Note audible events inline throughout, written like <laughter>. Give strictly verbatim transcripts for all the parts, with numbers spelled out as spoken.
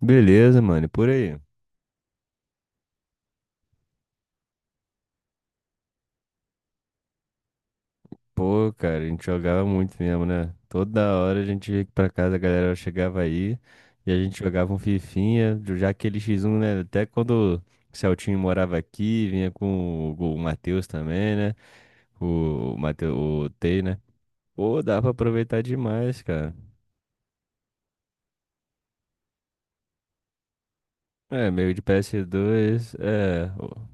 Beleza, mano, e por aí. Pô, cara, a gente jogava muito mesmo, né? Toda hora a gente ia pra casa, a galera chegava aí e a gente jogava um fifinha, jo- já aquele X um, né? Até quando o Celtinho morava aqui, vinha com o, o Matheus também, né? O, o Matheus, o Tei, né? Pô, dá pra aproveitar demais, cara. É, meio de P S dois, é. o-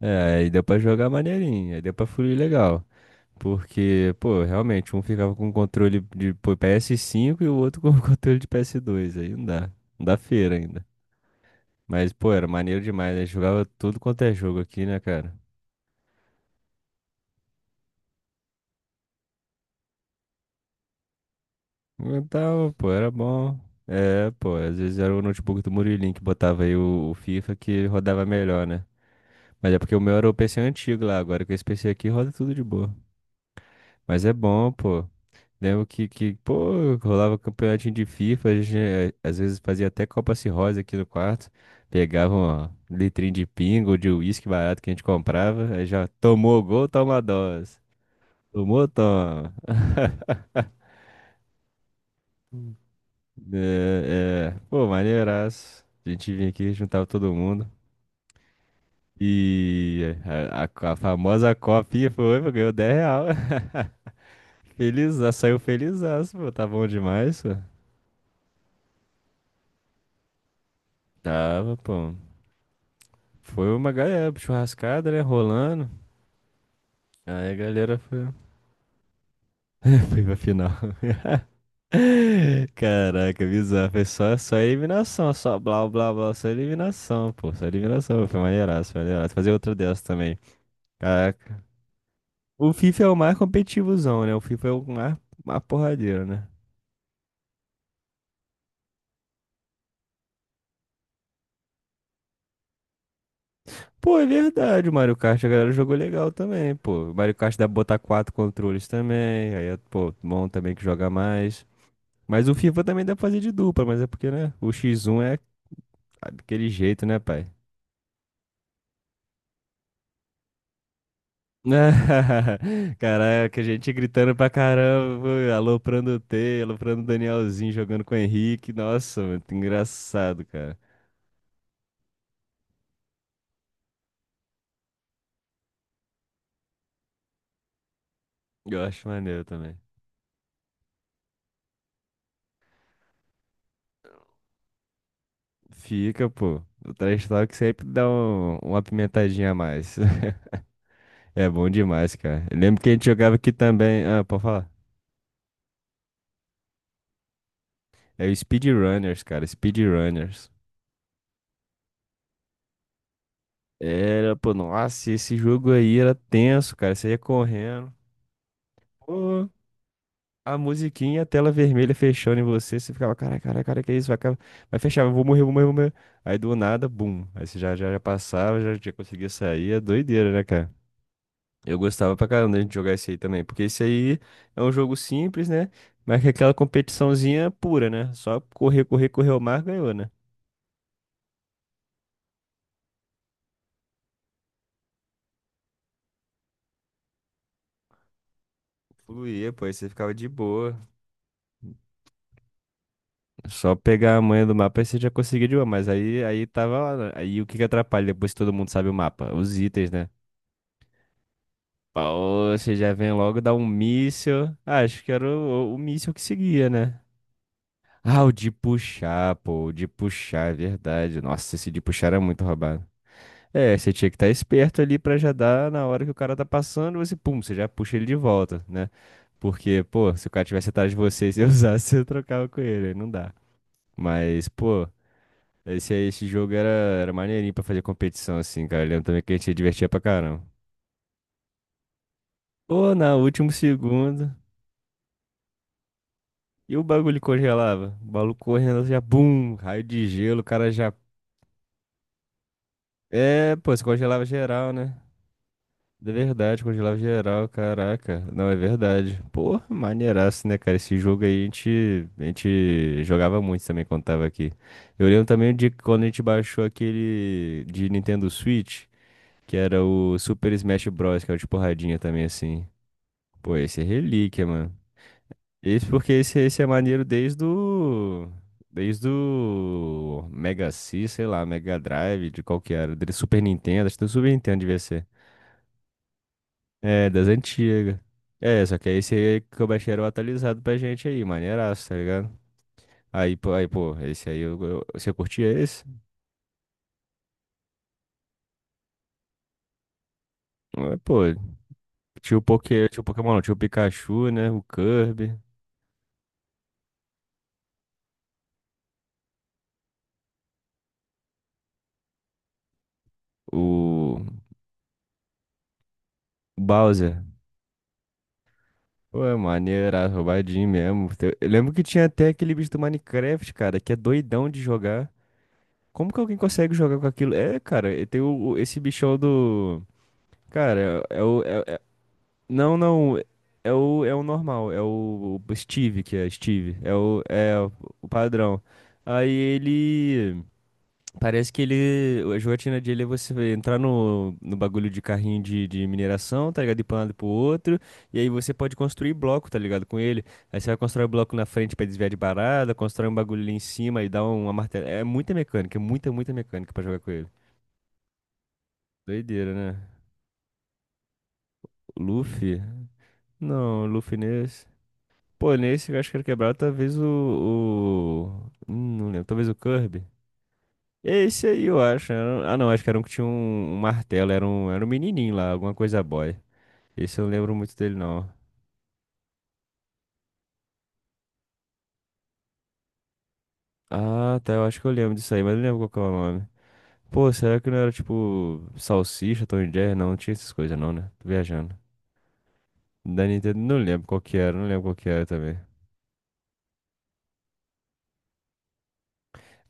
É, aí deu pra jogar maneirinho, aí deu pra fluir legal. Porque, pô, realmente, um ficava com um controle de pô, P S cinco e o outro com <laughs> controle de P S dois. Aí não dá. Não dá feira ainda. Mas, pô, era maneiro demais, né? Jogava tudo quanto é jogo aqui, né, cara? Então, pô, era bom. É, pô, às vezes era o notebook do Murilinho que botava aí o, o FIFA que rodava melhor, né? Mas é porque o meu era o P C antigo lá, agora com esse P C aqui roda tudo de boa. Mas é bom, pô. Lembro que, que, pô, rolava um campeonatinho de FIFA, a gente, eh, às vezes fazia até Copa Cirrose aqui no quarto, pegava uma litrinha de pinga ou de uísque barato que a gente comprava, aí já tomou o gol, toma a dose. Tomou, toma. <laughs> É, é, pô, maneiraço. A gente vinha aqui, juntava todo mundo. E a, a- a famosa copinha foi, pô, ganhou dez real. <laughs> Feliz, saiu felizaço, pô, tá bom demais, pô. Tava, pô. Foi uma galera, churrascada, né? Rolando. Aí a galera foi, <laughs> foi pra final. <laughs> Caraca, bizarro. Foi só, só eliminação, só blá blá blá, só eliminação, pô. Só eliminação, foi maneiraço, foi maneiraço. Fazer outra dessa também. Caraca. O FIFA é o mais competitivozão, né? O FIFA é o mais, mais porradeiro, né? Pô, é verdade, o Mario Kart, a galera jogou legal também, pô. O Mario Kart dá pra botar quatro controles também. Aí, é, pô, bom também que joga mais. Mas o FIFA também dá pra fazer de dupla, mas é porque, né? O X um é daquele jeito, né, pai? <laughs> Caraca, a gente gritando pra caramba, aloprando o T, aloprando o Danielzinho, jogando com o Henrique. Nossa, mano, engraçado, cara. Eu acho maneiro também. Fica, pô. O trash talk sempre dá um- uma pimentadinha a mais. <laughs> É bom demais, cara. Eu lembro que a gente jogava aqui também. Ah, pode falar. É o Speedrunners, cara. Speedrunners. Era, pô, nossa, esse jogo aí era tenso, cara. Você ia correndo. Pô, a musiquinha, a tela vermelha fechando em você. Você ficava, cara, cara, cara, que isso? Vai, acabar- vai fechar, eu vou morrer, eu vou morrer, eu vou morrer. Aí do nada, bum. Aí você já, já, já passava, já, já conseguia sair. É doideira, né, cara? Eu gostava pra caramba da gente jogar esse aí também. Porque esse aí é um jogo simples, né? Mas que é aquela competiçãozinha pura, né? Só correr, correr, correr o mar, ganhou, né? Fluía, pô, aí você ficava de boa. Só pegar a manha do mapa e você já conseguiu de uma, mas aí, aí tava lá, né? Aí o que que atrapalha depois que todo mundo sabe o mapa? Os itens, né? Pô, você já vem logo dar um míssil. Ah, acho que era o, o, o míssil que seguia, né? Ah, o de puxar, pô, o de puxar, é verdade. Nossa, esse de puxar era muito roubado. É, você tinha que estar esperto ali pra já dar na hora que o cara tá passando, você, pum, você já puxa ele de volta, né? Porque, pô, se o cara tivesse atrás de você <laughs> e você usasse, <laughs> você trocava com ele, aí não dá. Mas, pô, Esse, esse jogo era, era maneirinho pra fazer competição, assim, cara. Eu lembro também que a gente se divertia pra caramba. Ou na último segundo, e o bagulho congelava. O bagulho correndo, já bum, raio de gelo, o cara já. É, pô, você congelava geral, né? De verdade, congelava geral, caraca. Não, é verdade. Pô, maneiraço, né, cara? Esse jogo aí a gente, a gente jogava muito também quando tava aqui. Eu lembro também de quando a gente baixou aquele de Nintendo Switch. Que era o Super Smash Bros, que é o de porradinha também, assim. Pô, esse é relíquia, mano. Esse porque esse, esse é maneiro desde o. Desde o Mega C, sei lá, Mega Drive, de qual que era. Do Super Nintendo, acho que do Super Nintendo devia ser. É, das antigas. É, só que é esse aí que eu baixei era o atualizado pra gente aí, maneiraço, tá ligado? Aí, pô, aí, pô, esse aí, eu, eu- você curtia esse? Ah, pô, tinha o Poké, tinha o Pokémon, não, tinha o Pikachu, né? O Kirby, o Bowser. Ué, maneira, roubadinho mesmo. Te- Eu lembro que tinha até aquele bicho do Minecraft, cara, que é doidão de jogar. Como que alguém consegue jogar com aquilo? É, cara, e tem o, o- esse bichão do. Cara, é, é o. é- é- Não, não. É o, é o normal, é o, o Steve, que é Steve. É o, é o o padrão. Aí ele. Parece que ele. A jogatina dele é você entrar no, no bagulho de carrinho de, de mineração, tá ligado? Ir pra um lado e pro outro. E aí você pode construir bloco, tá ligado? Com ele. Aí você vai constrói bloco na frente pra desviar de barada, constrói um bagulho ali em cima e dá uma martela. É muita mecânica, é muita, muita mecânica pra jogar com ele. Doideira, né? O Luffy? Não, o Luffy nesse. Pô, nesse eu acho que era quebrado, talvez o, o. hum, Não lembro, talvez o Kirby. É esse aí, eu acho. Era- Ah, não, acho que era um que tinha um, um martelo. Era um, era um menininho lá, alguma coisa boy. Esse eu não lembro muito dele, não. Ah, tá, eu acho que eu lembro disso aí, mas eu não lembro qual que é o nome. Pô, será que não era tipo Salsicha, Tom e Jerry? Não, não tinha essas coisas, não, né? Tô viajando. Da Nintendo, não lembro qual que era, não lembro qual que era também.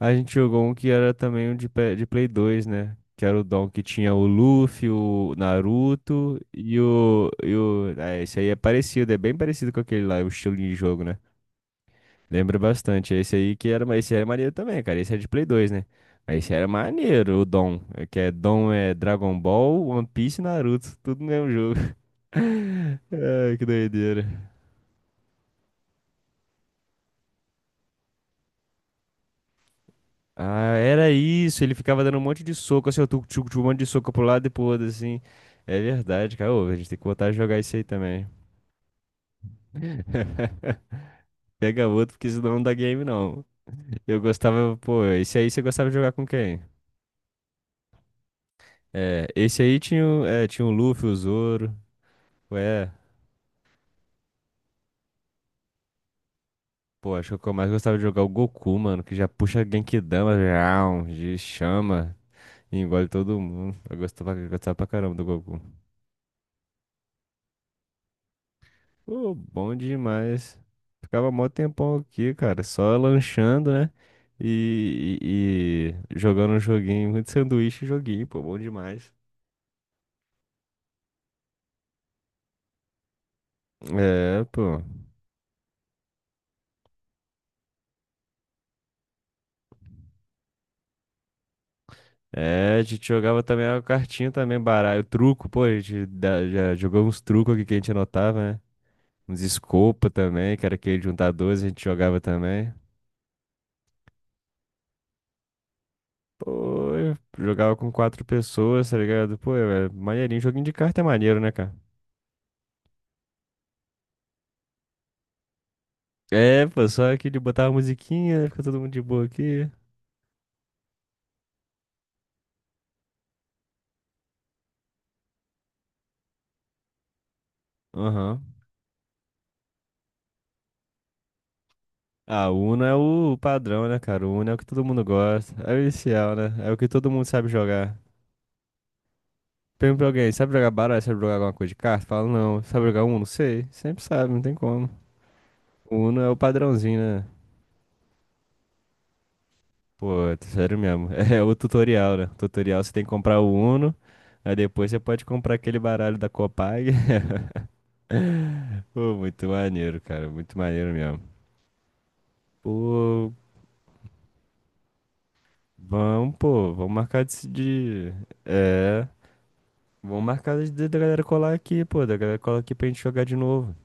A gente jogou um que era também um de, pe- de Play dois, né? Que era o Dom, que tinha o Luffy, o Naruto e o, e o... Ah, esse aí é parecido, é bem parecido com aquele lá, o estilo de jogo, né? Lembro bastante. Esse aí que era, esse era maneiro também, cara. Esse era de Play dois, né? Mas esse era maneiro, o Dom. É Que é Dom é Dragon Ball, One Piece e Naruto. Tudo no mesmo jogo. <laughs> Ai, que doideira. Ah, era isso. Ele ficava dando um monte de soco, assim, eu tu tu- tu- um monte de soco pro lado e pro outro, assim. É verdade, cara. Ô, a gente tem que voltar a jogar isso aí também. <laughs> Pega outro, porque senão não dá game, não. Eu gostava, pô, esse aí você gostava de jogar com quem? É, esse aí tinha, o- é, tinha o Luffy, o Zoro. Ué. Pô, acho que o que eu mais gostava de jogar é o Goku, mano, que já puxa Genkidama, já, de chama, e engole todo mundo. Eu gostava, eu gostava pra caramba do Goku. Pô, bom demais. Ficava mó tempão aqui, cara, só lanchando, né? E, e, e jogando um joguinho, muito sanduíche e joguinho, pô, bom demais. É, pô. É, a gente jogava também a cartinha também, baralho, truco, pô, a gente da- já jogou uns trucos aqui que a gente anotava, né? Uns Scopa também, que era aquele de um a doze, a gente jogava também. Pô, eu jogava com quatro pessoas, tá ligado? Pô, é maneirinho, joguinho de carta é maneiro, né, cara? É, pô, só aqui de botar a musiquinha, fica todo mundo de boa aqui. Aham. Ah, o Uno é o padrão, né, cara? O Uno é o que todo mundo gosta. É o inicial, né? É o que todo mundo sabe jogar. Pergunta pra alguém, sabe jogar baralho? Sabe jogar alguma coisa de carta? Fala, não. Sabe jogar Uno? Sei. Sempre sabe, não tem como. O Uno é o padrãozinho, né? Pô, é sério mesmo. <laughs> É o tutorial, né? Tutorial você tem que comprar o Uno, aí depois você pode comprar aquele baralho da Copag. <laughs> Pô, muito maneiro, cara. Muito maneiro mesmo. Pô, vamos, pô, vamos marcar de. de- É. Vamos marcar de, de- da galera colar aqui, pô. Da galera colar aqui pra gente jogar de novo.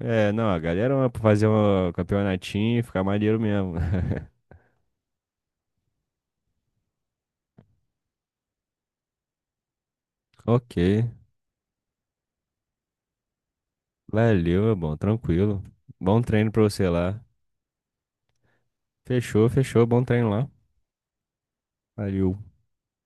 É, não, a galera vai fazer um campeonatinho ficar maneiro mesmo. <laughs> Ok. Valeu, é bom, tranquilo. Bom treino pra você lá. Fechou, fechou. Bom treino lá. Valeu.